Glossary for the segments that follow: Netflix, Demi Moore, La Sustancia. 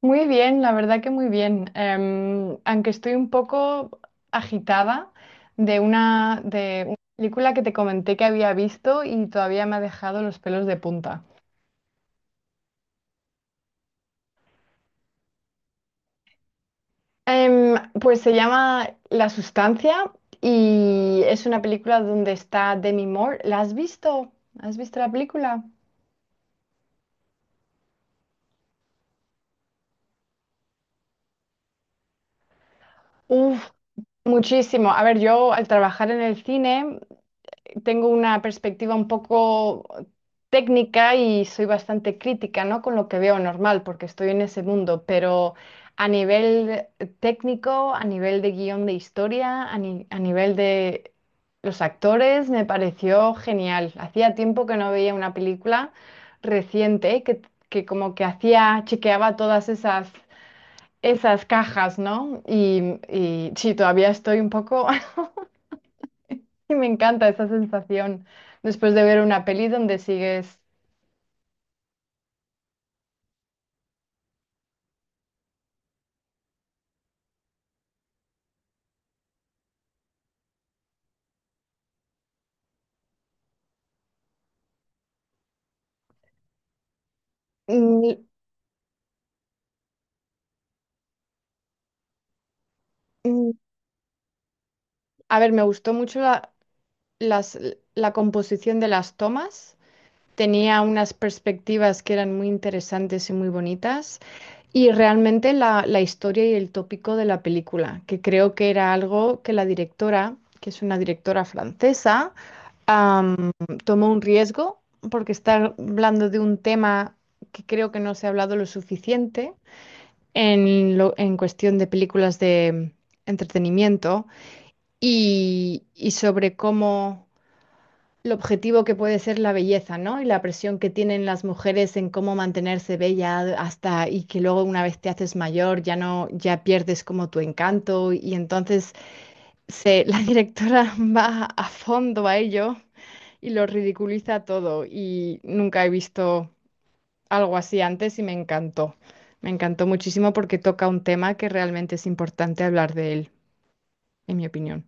Muy bien, la verdad que muy bien. Aunque estoy un poco agitada de una película que te comenté que había visto y todavía me ha dejado los pelos de punta. Em, pues se llama La Sustancia y es una película donde está Demi Moore. ¿La has visto? ¿Has visto la película? Uf, muchísimo. A ver, yo al trabajar en el cine tengo una perspectiva un poco técnica y soy bastante crítica, ¿no? Con lo que veo normal, porque estoy en ese mundo, pero a nivel técnico, a nivel de guión de historia, a, ni- a nivel de los actores, me pareció genial. Hacía tiempo que no veía una película reciente que como que hacía, chequeaba todas esas... esas cajas, ¿no? Y sí, todavía estoy un poco y me encanta esa sensación después de ver una peli donde sigues. Mm, mm, a ver, me gustó mucho las- la composición de las tomas. Tenía unas perspectivas que eran muy interesantes y muy bonitas. Y realmente la historia y el tópico de la película, que creo que era algo que la directora, que es una directora francesa, am, tomó un riesgo porque está hablando de un tema que creo que no se ha hablado lo suficiente en, en cuestión de películas de entretenimiento y sobre cómo lo objetivo que puede ser la belleza, ¿no? Y la presión que tienen las mujeres en cómo mantenerse bella hasta y que luego una vez te haces mayor ya no, ya pierdes como tu encanto y entonces la directora va a fondo a ello y lo ridiculiza todo y nunca he visto algo así antes y me encantó. Me encantó muchísimo porque toca un tema que realmente es importante hablar de él, en mi opinión.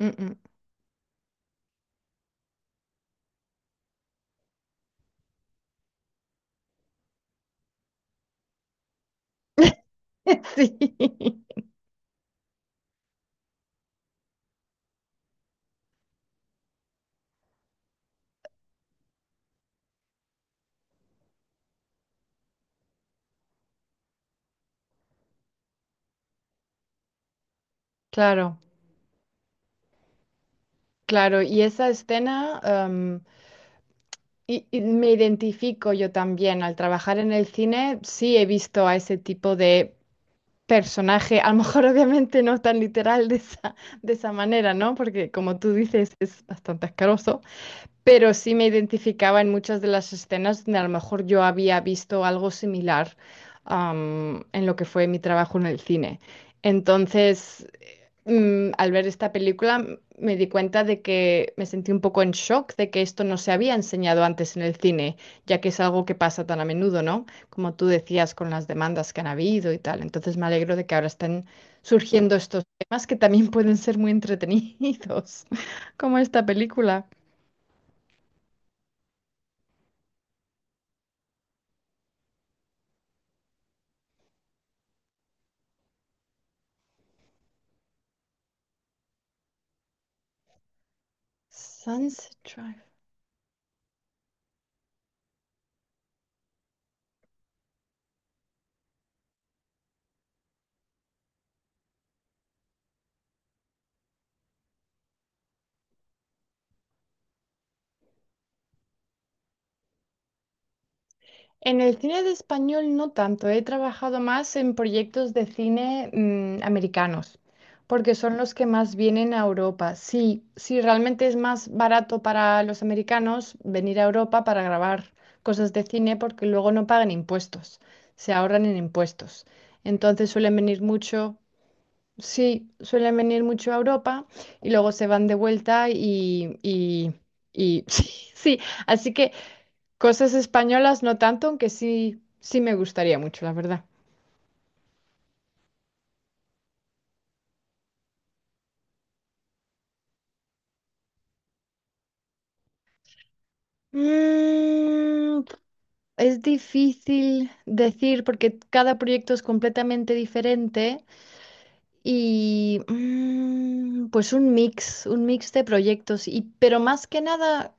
Mm, mm. Sí, claro, claro. Y esa escena, y me identifico yo también. Al trabajar en el cine, sí he visto a ese tipo de personaje, a lo mejor obviamente no tan literal de de esa manera, ¿no? Porque como tú dices, es bastante asqueroso. Pero sí me identificaba en muchas de las escenas donde a lo mejor yo había visto algo similar, en lo que fue mi trabajo en el cine. Entonces, al ver esta película, me di cuenta de que me sentí un poco en shock de que esto no se había enseñado antes en el cine, ya que es algo que pasa tan a menudo, ¿no? Como tú decías, con las demandas que han habido y tal. Entonces, me alegro de que ahora estén surgiendo estos temas que también pueden ser muy entretenidos, como esta película. Sunset Drive. En el cine de español no tanto, he trabajado más en proyectos de cine americanos, porque son los que más vienen a Europa. Sí, sí, realmente es más barato para los americanos venir a Europa para grabar cosas de cine porque luego no pagan impuestos, se ahorran en impuestos. Entonces suelen venir mucho, sí, suelen venir mucho a Europa y luego se van de vuelta y sí, sí. Así que... cosas españolas no tanto, aunque sí, sí me gustaría mucho, la verdad. Mm, es difícil decir porque cada proyecto es completamente diferente y pues un mix de proyectos y pero más que nada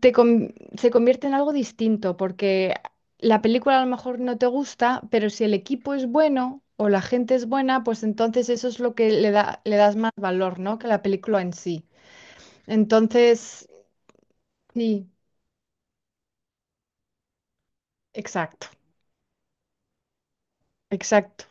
se convierte en algo distinto porque la película a lo mejor no te gusta, pero si el equipo es bueno o la gente es buena, pues entonces eso es lo que le da, le das más valor, ¿no? Que la película en sí. Entonces, sí, exacto, exacto.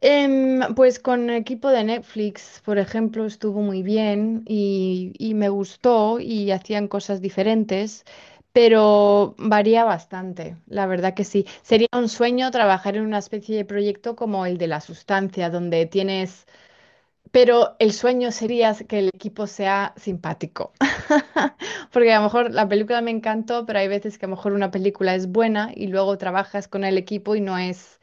Pues con equipo de Netflix, por ejemplo, estuvo muy bien y me gustó y hacían cosas diferentes, pero varía bastante, la verdad que sí. Sería un sueño trabajar en una especie de proyecto como el de La Sustancia, donde tienes, pero el sueño sería que el equipo sea simpático. Porque a lo mejor la película me encantó, pero hay veces que a lo mejor una película es buena y luego trabajas con el equipo y no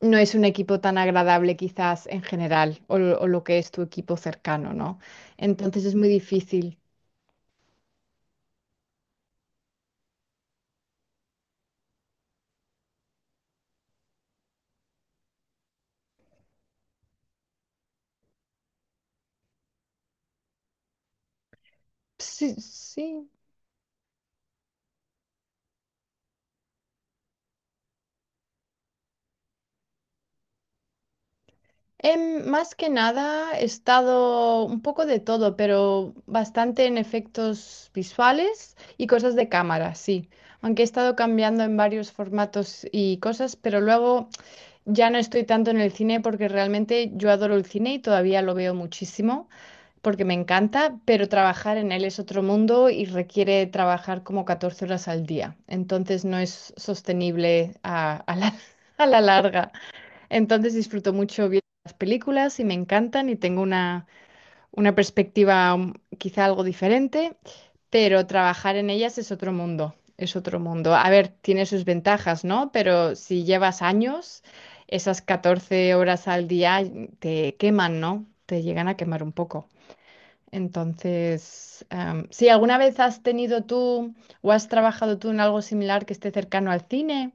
no es un equipo tan agradable quizás en general o lo que es tu equipo cercano, ¿no? Entonces es muy difícil. Sí, sí. Más que nada he estado un poco de todo, pero bastante en efectos visuales y cosas de cámara, sí. Aunque he estado cambiando en varios formatos y cosas, pero luego... ya no estoy tanto en el cine porque realmente yo adoro el cine y todavía lo veo muchísimo porque me encanta, pero trabajar en él es otro mundo y requiere trabajar como 14 horas al día. Entonces no es sostenible a la larga. Entonces disfruto mucho viendo las películas y me encantan y tengo una perspectiva quizá algo diferente pero trabajar en ellas es otro mundo, es otro mundo. A ver, tiene sus ventajas, ¿no? Pero si llevas años, esas 14 horas al día te queman, ¿no? Te llegan a quemar un poco. Entonces, si alguna vez has tenido tú o has trabajado tú en algo similar que esté cercano al cine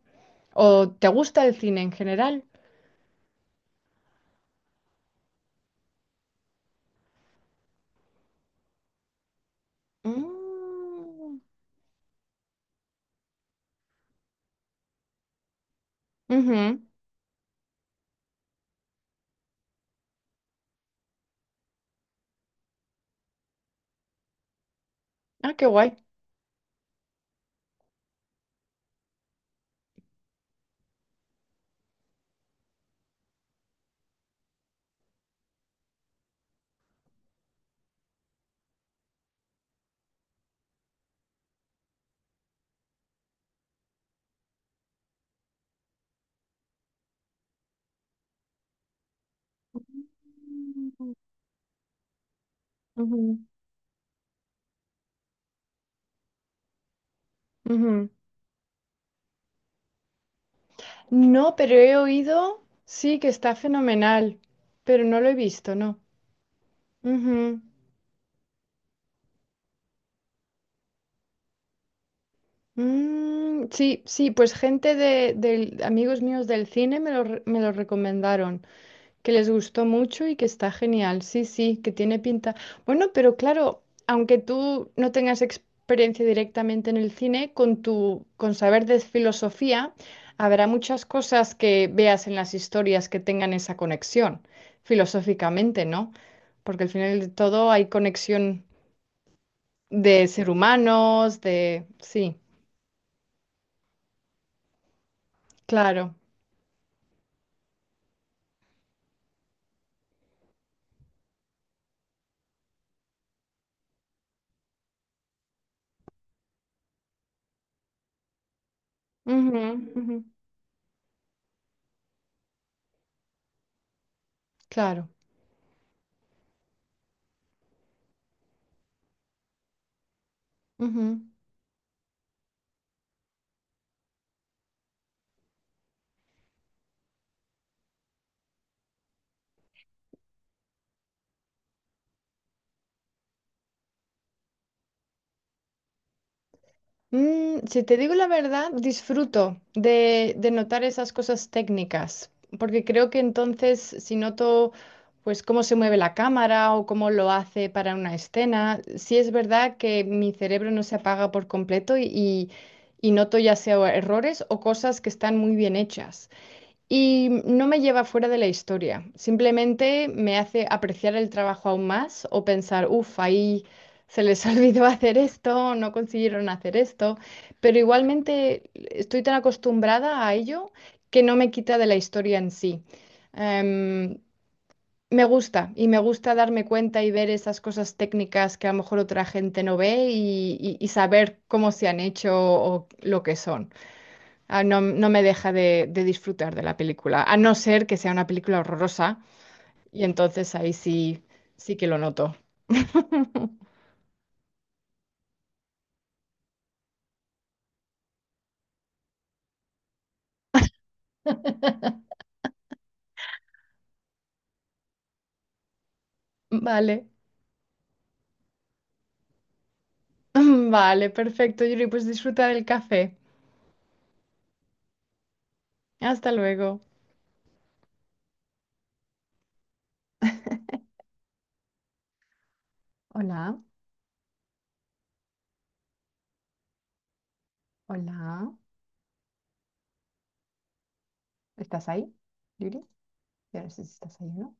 o te gusta el cine en general. Mm, ujú. Ah, qué guay. Mm, ujú, ujú. No, pero he oído, sí, que está fenomenal, pero no lo he visto, no. Ujú. Mm, sí, sí, pues gente amigos míos del cine me me lo recomendaron. Que les gustó mucho y que está genial. Sí, sí, que tiene pinta. Bueno, pero claro, aunque tú no tengas experiencia directamente en el cine, con con saber de filosofía, habrá muchas cosas que veas en las historias que tengan esa conexión, filosóficamente, ¿no? Porque al final de todo hay conexión de ser humanos, de... sí, claro. Ujú, ujú, claro. Ujú. Mm, si te digo la verdad, disfruto de notar esas cosas técnicas, porque creo que entonces si noto pues cómo se mueve la cámara o cómo lo hace para una escena, sí es verdad que mi cerebro no se apaga por completo y y noto ya sea errores o cosas que están muy bien hechas. Y no me lleva fuera de la historia, simplemente me hace apreciar el trabajo aún más o pensar, uff, ahí se les olvidó hacer esto, no consiguieron hacer esto, pero igualmente estoy tan acostumbrada a ello que no me quita de la historia en sí. Em, Me gusta y me gusta darme cuenta y ver esas cosas técnicas que a lo mejor otra gente no ve y saber cómo se han hecho o lo que son. Ah, no, no me deja de disfrutar de la película, a no ser que sea una película horrorosa, y entonces ahí sí, sí que lo noto. Vale, vale, perfecto, Yuri, pues disfruta del café. Hasta luego. Hola, hola. ¿Estás ahí, Yuri? Yo no sé si estás ahí o no.